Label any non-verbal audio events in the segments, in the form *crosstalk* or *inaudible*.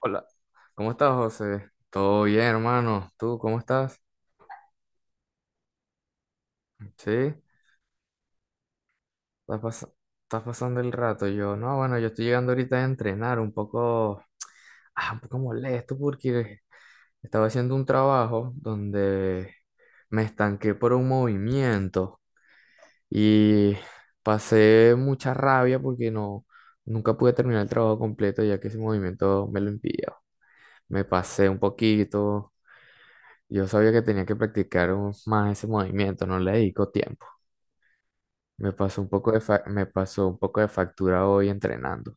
Hola, ¿cómo estás, José? Todo bien, hermano. ¿Tú cómo estás? Sí, estás, pas- estás pasando el rato. Yo, no, bueno, yo estoy llegando ahorita a entrenar un poco, un poco molesto porque estaba haciendo un trabajo donde me estanqué por un movimiento y pasé mucha rabia porque no, nunca pude terminar el trabajo completo ya que ese movimiento me lo impidió. Me pasé un poquito. Yo sabía que tenía que practicar más ese movimiento, no le dedico tiempo. Me pasó un poco de factura hoy entrenando.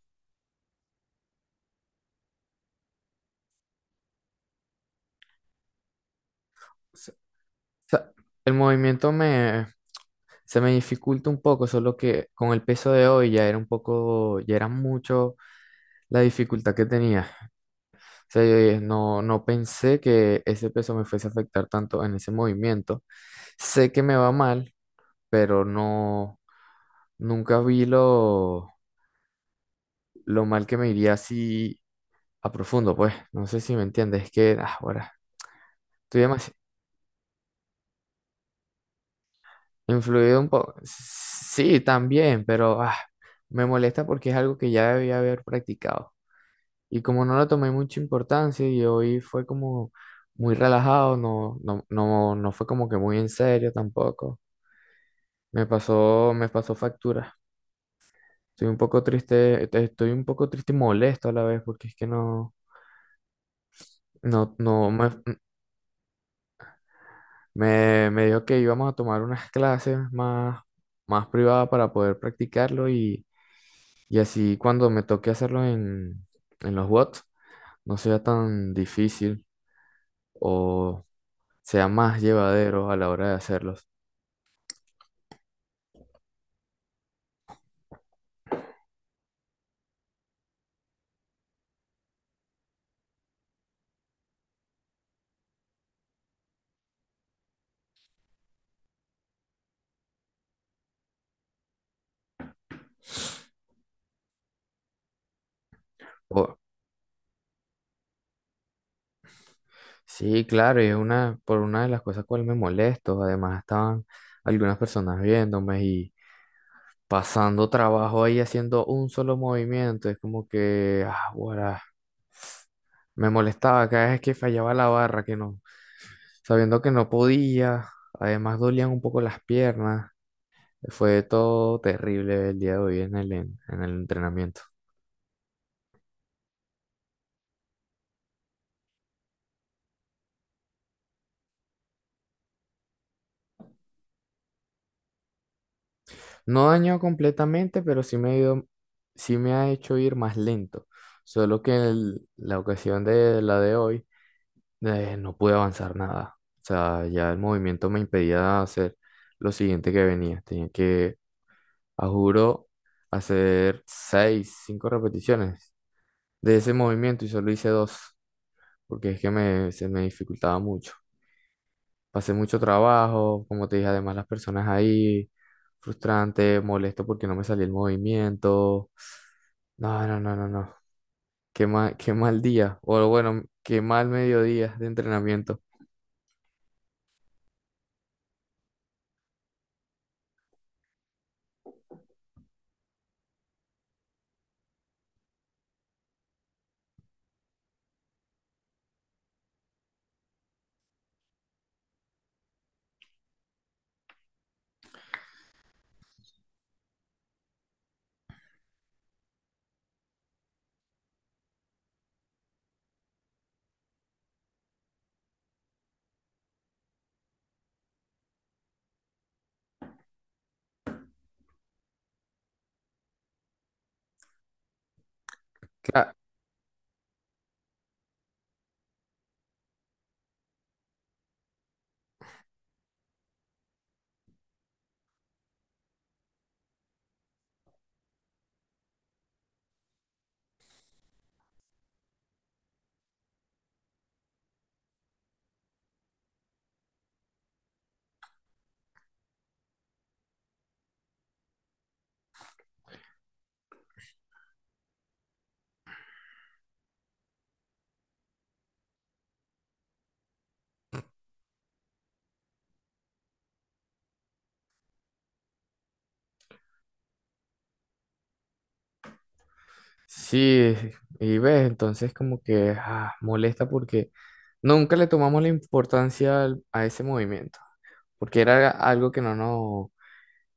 S- sa- el movimiento me Se me dificulta un poco, solo que con el peso de hoy ya era un poco, ya era mucho la dificultad que tenía. O sea, yo dije, no, no pensé que ese peso me fuese a afectar tanto en ese movimiento. Sé que me va mal, pero no, nunca vi lo mal que me iría si a profundo, pues. No sé si me entiendes, es que ahora estoy demasiado influido un poco. Sí, también, pero me molesta porque es algo que ya debía haber practicado. Y como no lo tomé mucha importancia y hoy fue como muy relajado, no, no, no, no fue como que muy en serio tampoco. Me pasó factura. Estoy un poco triste, estoy un poco triste y molesto a la vez porque es que no, no, no me. Me dijo que íbamos a tomar unas clases más, más privadas para poder practicarlo y así cuando me toque hacerlo en los bots no sea tan difícil o sea más llevadero a la hora de hacerlos. O- sí, claro, y es una, por una de las cosas cual me molesto. Además estaban algunas personas viéndome pasando trabajo ahí haciendo un solo movimiento. Es como que, ah, guará, me molestaba cada vez que fallaba la barra, que no, sabiendo que no podía. Además dolían un poco las piernas. Fue todo terrible el día de hoy en en el entrenamiento. No dañó completamente, pero sí me ha hecho ir más lento. Solo que la ocasión de la de hoy. Eh, no pude avanzar nada. O sea, ya el movimiento me impedía hacer lo siguiente que venía. Tenía que, a juro, hacer seis, cinco repeticiones de ese movimiento y solo hice dos, porque es que se me dificultaba mucho. Pasé mucho trabajo, como te dije, además las personas ahí, frustrante, molesto porque no me salía el movimiento. No, no, no, no, no. Qué mal día. O bueno, qué mal mediodía de entrenamiento. Cla- Sí, y ves, entonces como que ah, molesta porque nunca le tomamos la importancia a ese movimiento, porque era algo que no nos,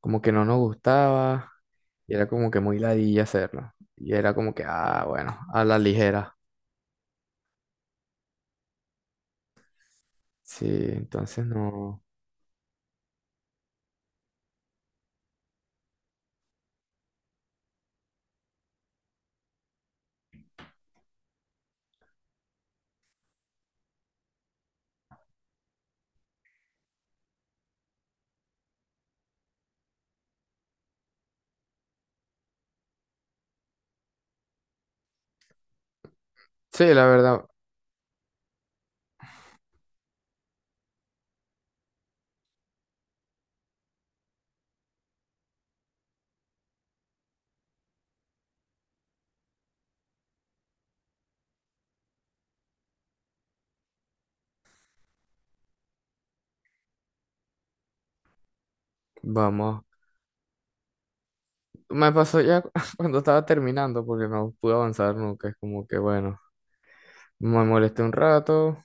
como que no nos gustaba, y era como que muy ladilla hacerlo, y era como que, ah, bueno, a la ligera. Sí, entonces no. Sí, la verdad, vamos. Me pasó ya cu- *laughs* cuando estaba terminando porque no pude avanzar nunca, es como que, bueno, me molesté un rato,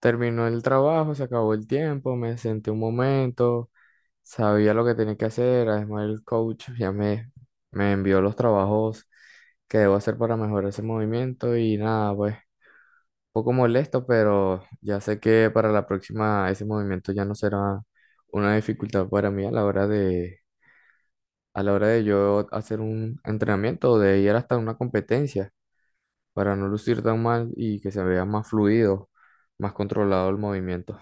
terminó el trabajo, se acabó el tiempo, me senté un momento. Sabía lo que tenía que hacer, además el coach ya me envió los trabajos que debo hacer para mejorar ese movimiento y nada, pues un poco molesto, pero ya sé que para la próxima ese movimiento ya no será una dificultad para mí a la hora de, a la hora de yo hacer un entrenamiento o de ir hasta una competencia para no lucir tan mal y que se vea más fluido, más controlado el movimiento.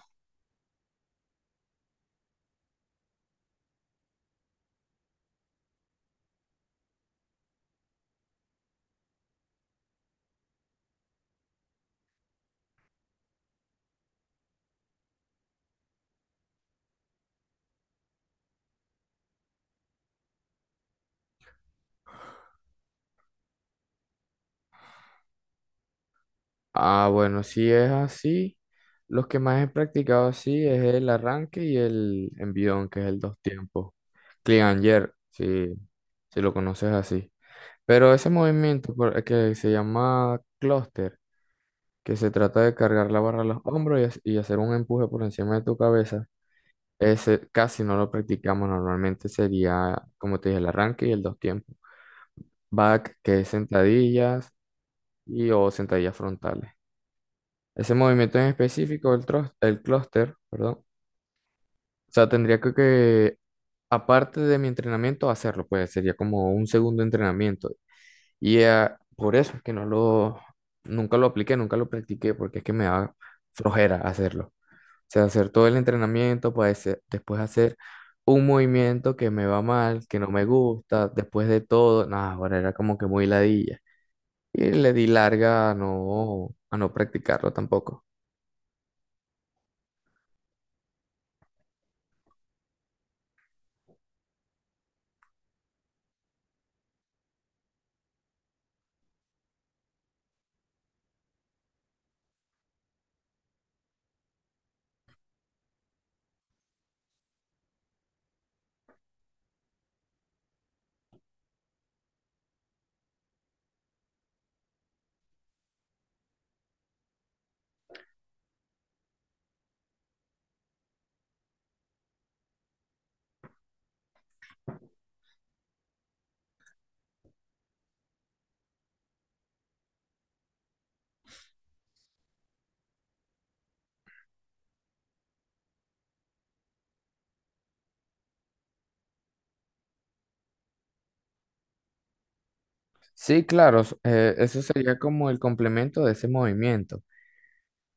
Ah, bueno, si es así, los que más he practicado así es el arranque y el envión, que es el dos tiempos. Cleanger, si, si lo conoces así. Pero ese movimiento que se llama cluster, que se trata de cargar la barra a los hombros y, y hacer un empuje por encima de tu cabeza, ese casi no lo practicamos. Normalmente sería, como te dije, el arranque y el dos tiempos. Back, que es sentadillas y o sentadillas frontales. Ese movimiento en específico, el clúster, perdón. O sea, tendría que, aparte de mi entrenamiento, hacerlo, pues sería como un segundo entrenamiento. Y por eso es que no lo, nunca lo apliqué, nunca lo practiqué, porque es que me da flojera hacerlo. O sea, hacer todo el entrenamiento, pues después hacer un movimiento que me va mal, que no me gusta, después de todo, nada, ahora era como que muy ladilla. Y le di larga a no practicarlo tampoco. Sí, claro, eso sería como el complemento de ese movimiento.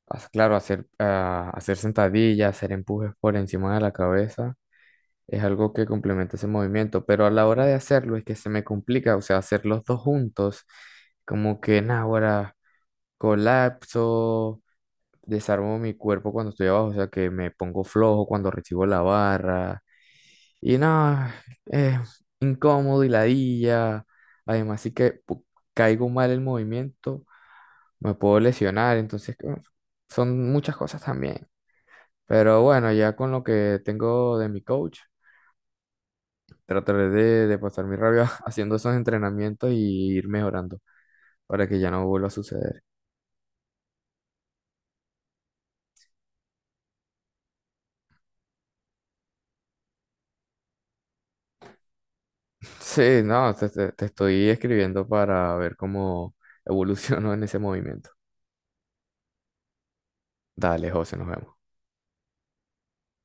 Claro, hacer, hacer sentadillas, hacer empujes por encima de la cabeza es algo que complementa ese movimiento, pero a la hora de hacerlo es que se me complica, o sea, hacer los dos juntos, como que, ahora colapso, desarmo mi cuerpo cuando estoy abajo, o sea que me pongo flojo cuando recibo la barra. Y no, es incómodo y ladilla. Además, caigo mal el movimiento, me puedo lesionar, entonces son muchas cosas también. Pero bueno, ya con lo que tengo de mi coach, trataré de pasar mi rabia *laughs* haciendo esos entrenamientos y ir mejorando para que ya no vuelva a suceder. Sí, no, te estoy escribiendo para ver cómo evolucionó en ese movimiento. Dale, José, nos vemos.